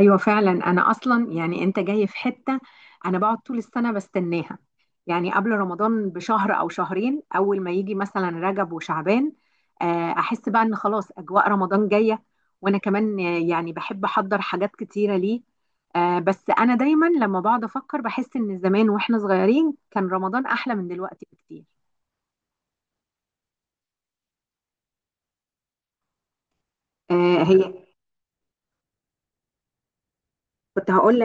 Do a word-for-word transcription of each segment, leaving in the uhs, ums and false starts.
ايوه فعلا. انا اصلا يعني انت جاي في حته، انا بقعد طول السنه بستناها. يعني قبل رمضان بشهر او شهرين اول ما يجي مثلا رجب وشعبان، آه، احس بقى ان خلاص اجواء رمضان جايه. وانا كمان آه، يعني بحب احضر حاجات كتيره ليه. آه، بس انا دايما لما بقعد افكر بحس ان زمان واحنا صغيرين كان رمضان احلى من دلوقتي بكتير. آه، هي. كنت هقول،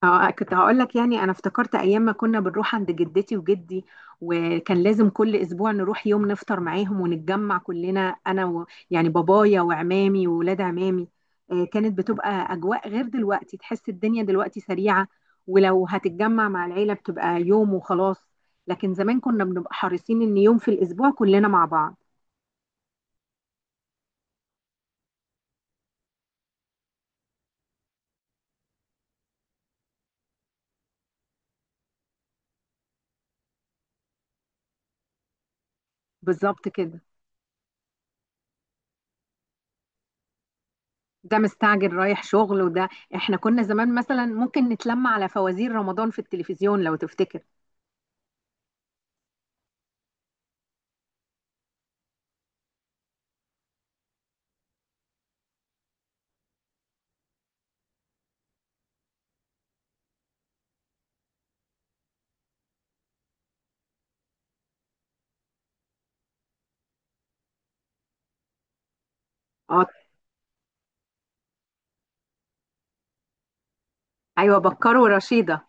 اه كنت هقول لك يعني انا افتكرت ايام ما كنا بنروح عند جدتي وجدي، وكان لازم كل اسبوع نروح يوم نفطر معاهم ونتجمع كلنا انا و يعني بابايا وعمامي وولاد عمامي. آه، كانت بتبقى اجواء غير دلوقتي، تحس الدنيا دلوقتي سريعة، ولو هتتجمع مع العيلة بتبقى يوم وخلاص. لكن زمان كنا بنبقى حريصين ان يوم في الاسبوع كلنا مع بعض. بالظبط كده. ده مستعجل رايح شغل وده، احنا كنا زمان مثلا ممكن نتلم على فوازير رمضان في التلفزيون لو تفتكر. اه ايوه بكر ورشيدة.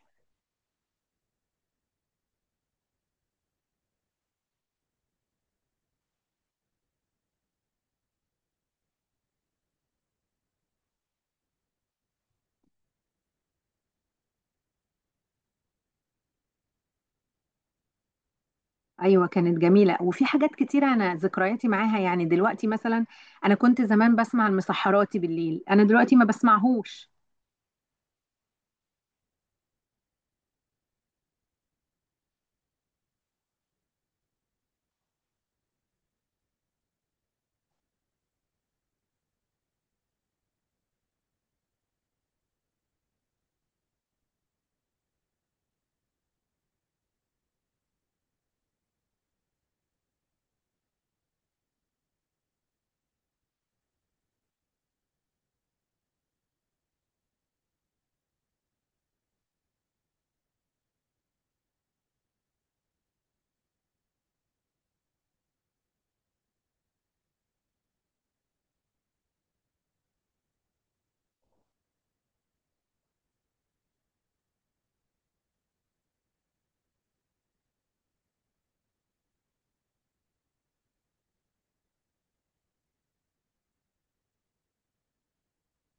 ايوه كانت جميلة وفي حاجات كتيرة انا ذكرياتي معاها. يعني دلوقتي مثلا انا كنت زمان بسمع المسحراتي بالليل، انا دلوقتي ما بسمعهوش.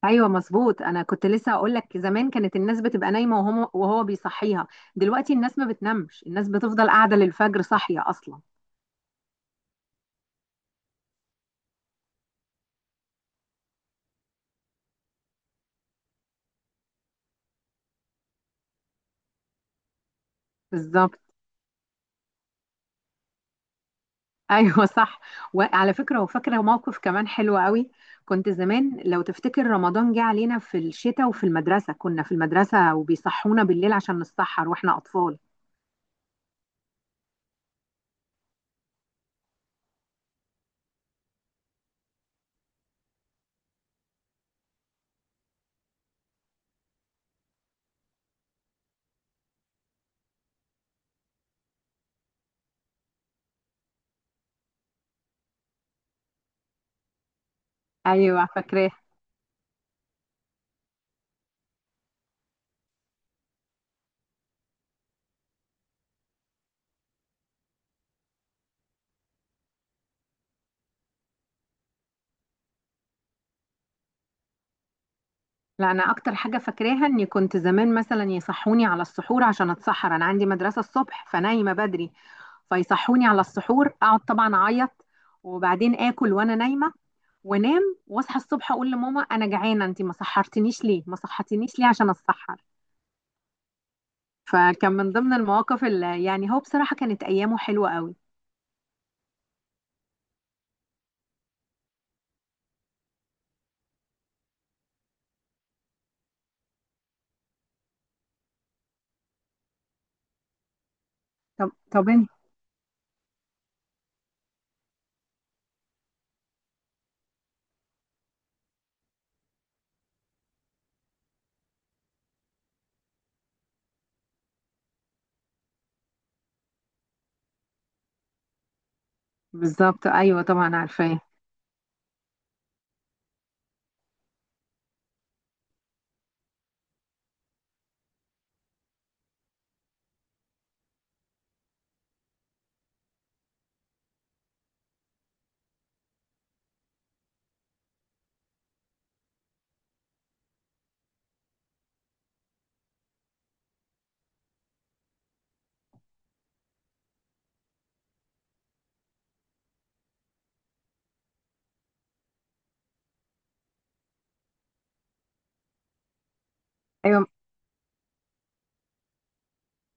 ايوه مظبوط. انا كنت لسه هقول لك زمان كانت الناس بتبقى نايمة وهو وهو بيصحيها، دلوقتي الناس ما بتنامش، الناس بتفضل قاعدة للفجر صاحية اصلا. بالظبط. ايوه صح. وعلى فكره وفاكره موقف كمان حلو قوي. كنت زمان لو تفتكر رمضان جه علينا في الشتاء وفي المدرسه، كنا في المدرسه وبيصحونا بالليل عشان نتسحر واحنا اطفال. ايوه فاكراه. لا انا اكتر حاجه فاكراها اني كنت زمان مثلا يصحوني على السحور عشان اتسحر، انا عندي مدرسه الصبح فنايمه بدري، فيصحوني على السحور اقعد طبعا اعيط، وبعدين اكل وانا نايمه وانام، واصحى الصبح اقول لماما انا جعانه انت ما سحرتنيش ليه، ما صحتنيش ليه عشان اتسحر. فكان من ضمن المواقف اللي يعني هو بصراحة كانت أيامه حلوة قوي. طب طب انت. بالظبط أيوة طبعا عارفاه. أيوة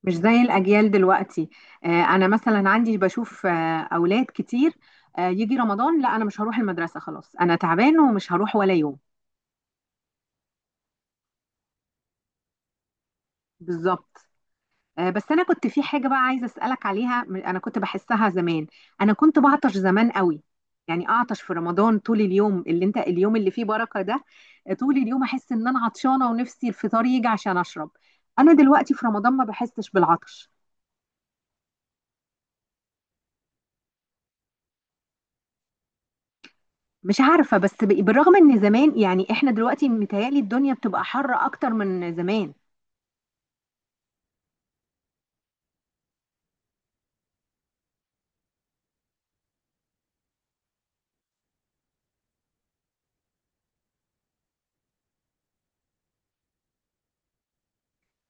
مش زي الأجيال دلوقتي. آه أنا مثلا عندي بشوف آه أولاد كتير، آه يجي رمضان لا أنا مش هروح المدرسة خلاص أنا تعبان ومش هروح ولا يوم. بالظبط. آه، بس انا كنت في حاجه بقى عايزه اسالك عليها، م- انا كنت بحسها زمان. انا كنت بعطش زمان قوي، يعني اعطش في رمضان طول اليوم اللي انت اليوم اللي فيه بركه ده. آه، طول اليوم احس ان انا عطشانه ونفسي الفطار يجي عشان اشرب. انا دلوقتي في رمضان ما بحسش بالعطش. مش عارفه، بس ب- بالرغم ان زمان يعني احنا دلوقتي متهيألي الدنيا بتبقى حر اكتر من زمان.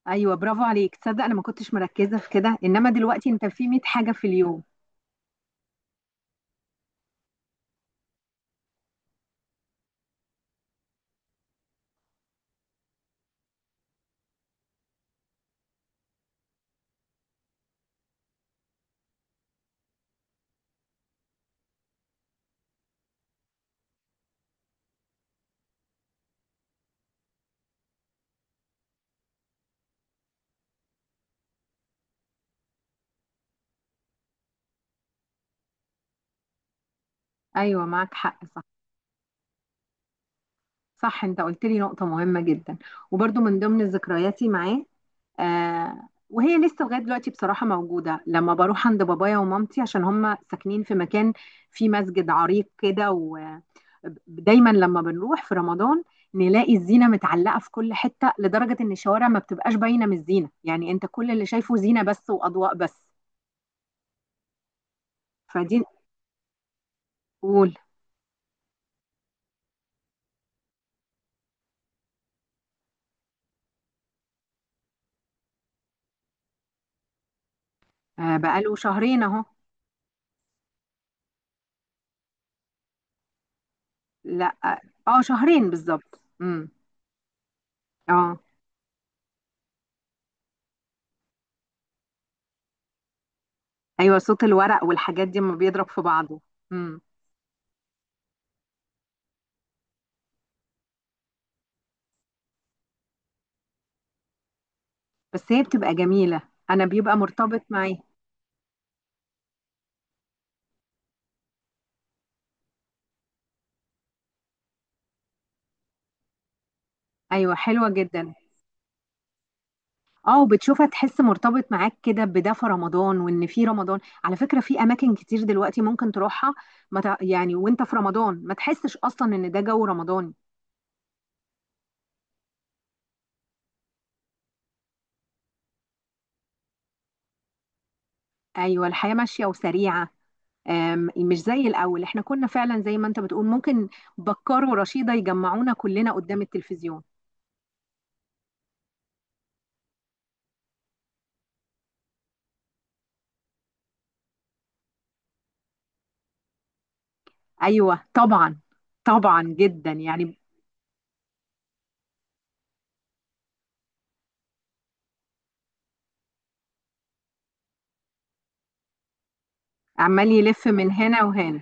ايوه برافو عليك. تصدق انا ما كنتش مركزه في كده، انما دلوقتي انت في مية حاجه في اليوم. ايوه معاك حق. صح، انت قلت لي نقطة مهمة جدا. وبرضو من ضمن ذكرياتي معاه، آه وهي لسه لغاية دلوقتي بصراحة موجودة، لما بروح عند بابايا ومامتي عشان هم ساكنين في مكان فيه مسجد عريق كده، ودايما لما بنروح في رمضان نلاقي الزينة متعلقة في كل حتة، لدرجة ان الشوارع ما بتبقاش باينة من الزينة، يعني انت كل اللي شايفه زينة بس وأضواء بس. فدي. قول. آه بقاله شهرين اهو. لا اه، آه، شهرين بالظبط، امم. اه ايوه صوت الورق والحاجات دي لما بيضرب في بعضه. امم. بس هي بتبقى جميله. انا بيبقى مرتبط معايا. ايوه حلوه جدا. اه وبتشوفها تحس مرتبط معاك كده بده في رمضان. وان في رمضان على فكره في اماكن كتير دلوقتي ممكن تروحها ما تع- يعني وانت في رمضان ما تحسش اصلا ان ده جو رمضاني. ايوه الحياه ماشيه وسريعه. آم، مش زي الاول، احنا كنا فعلا زي ما انت بتقول ممكن بكار ورشيده يجمعونا كلنا قدام التلفزيون. ايوه طبعا. طبعا جدا يعني. عمال يلف من هنا وهنا.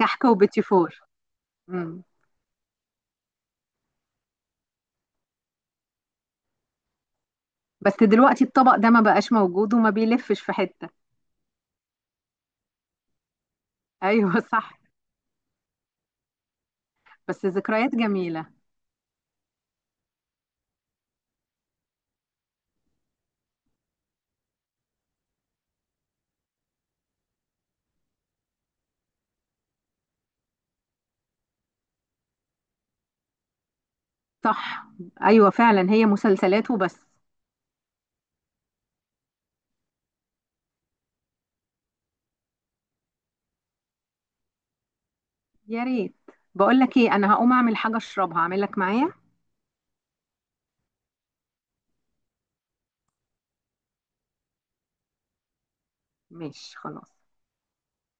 كحك وبيتي فور. مم. بس دلوقتي الطبق ده ما بقاش موجود وما بيلفش في حتة. ايوه صح. بس ذكريات جميلة. صح. ايوه فعلا هي مسلسلات وبس. يا ريت. بقول لك ايه، انا هقوم اعمل حاجة اشربها، اعمل لك معايا؟ ماشي خلاص.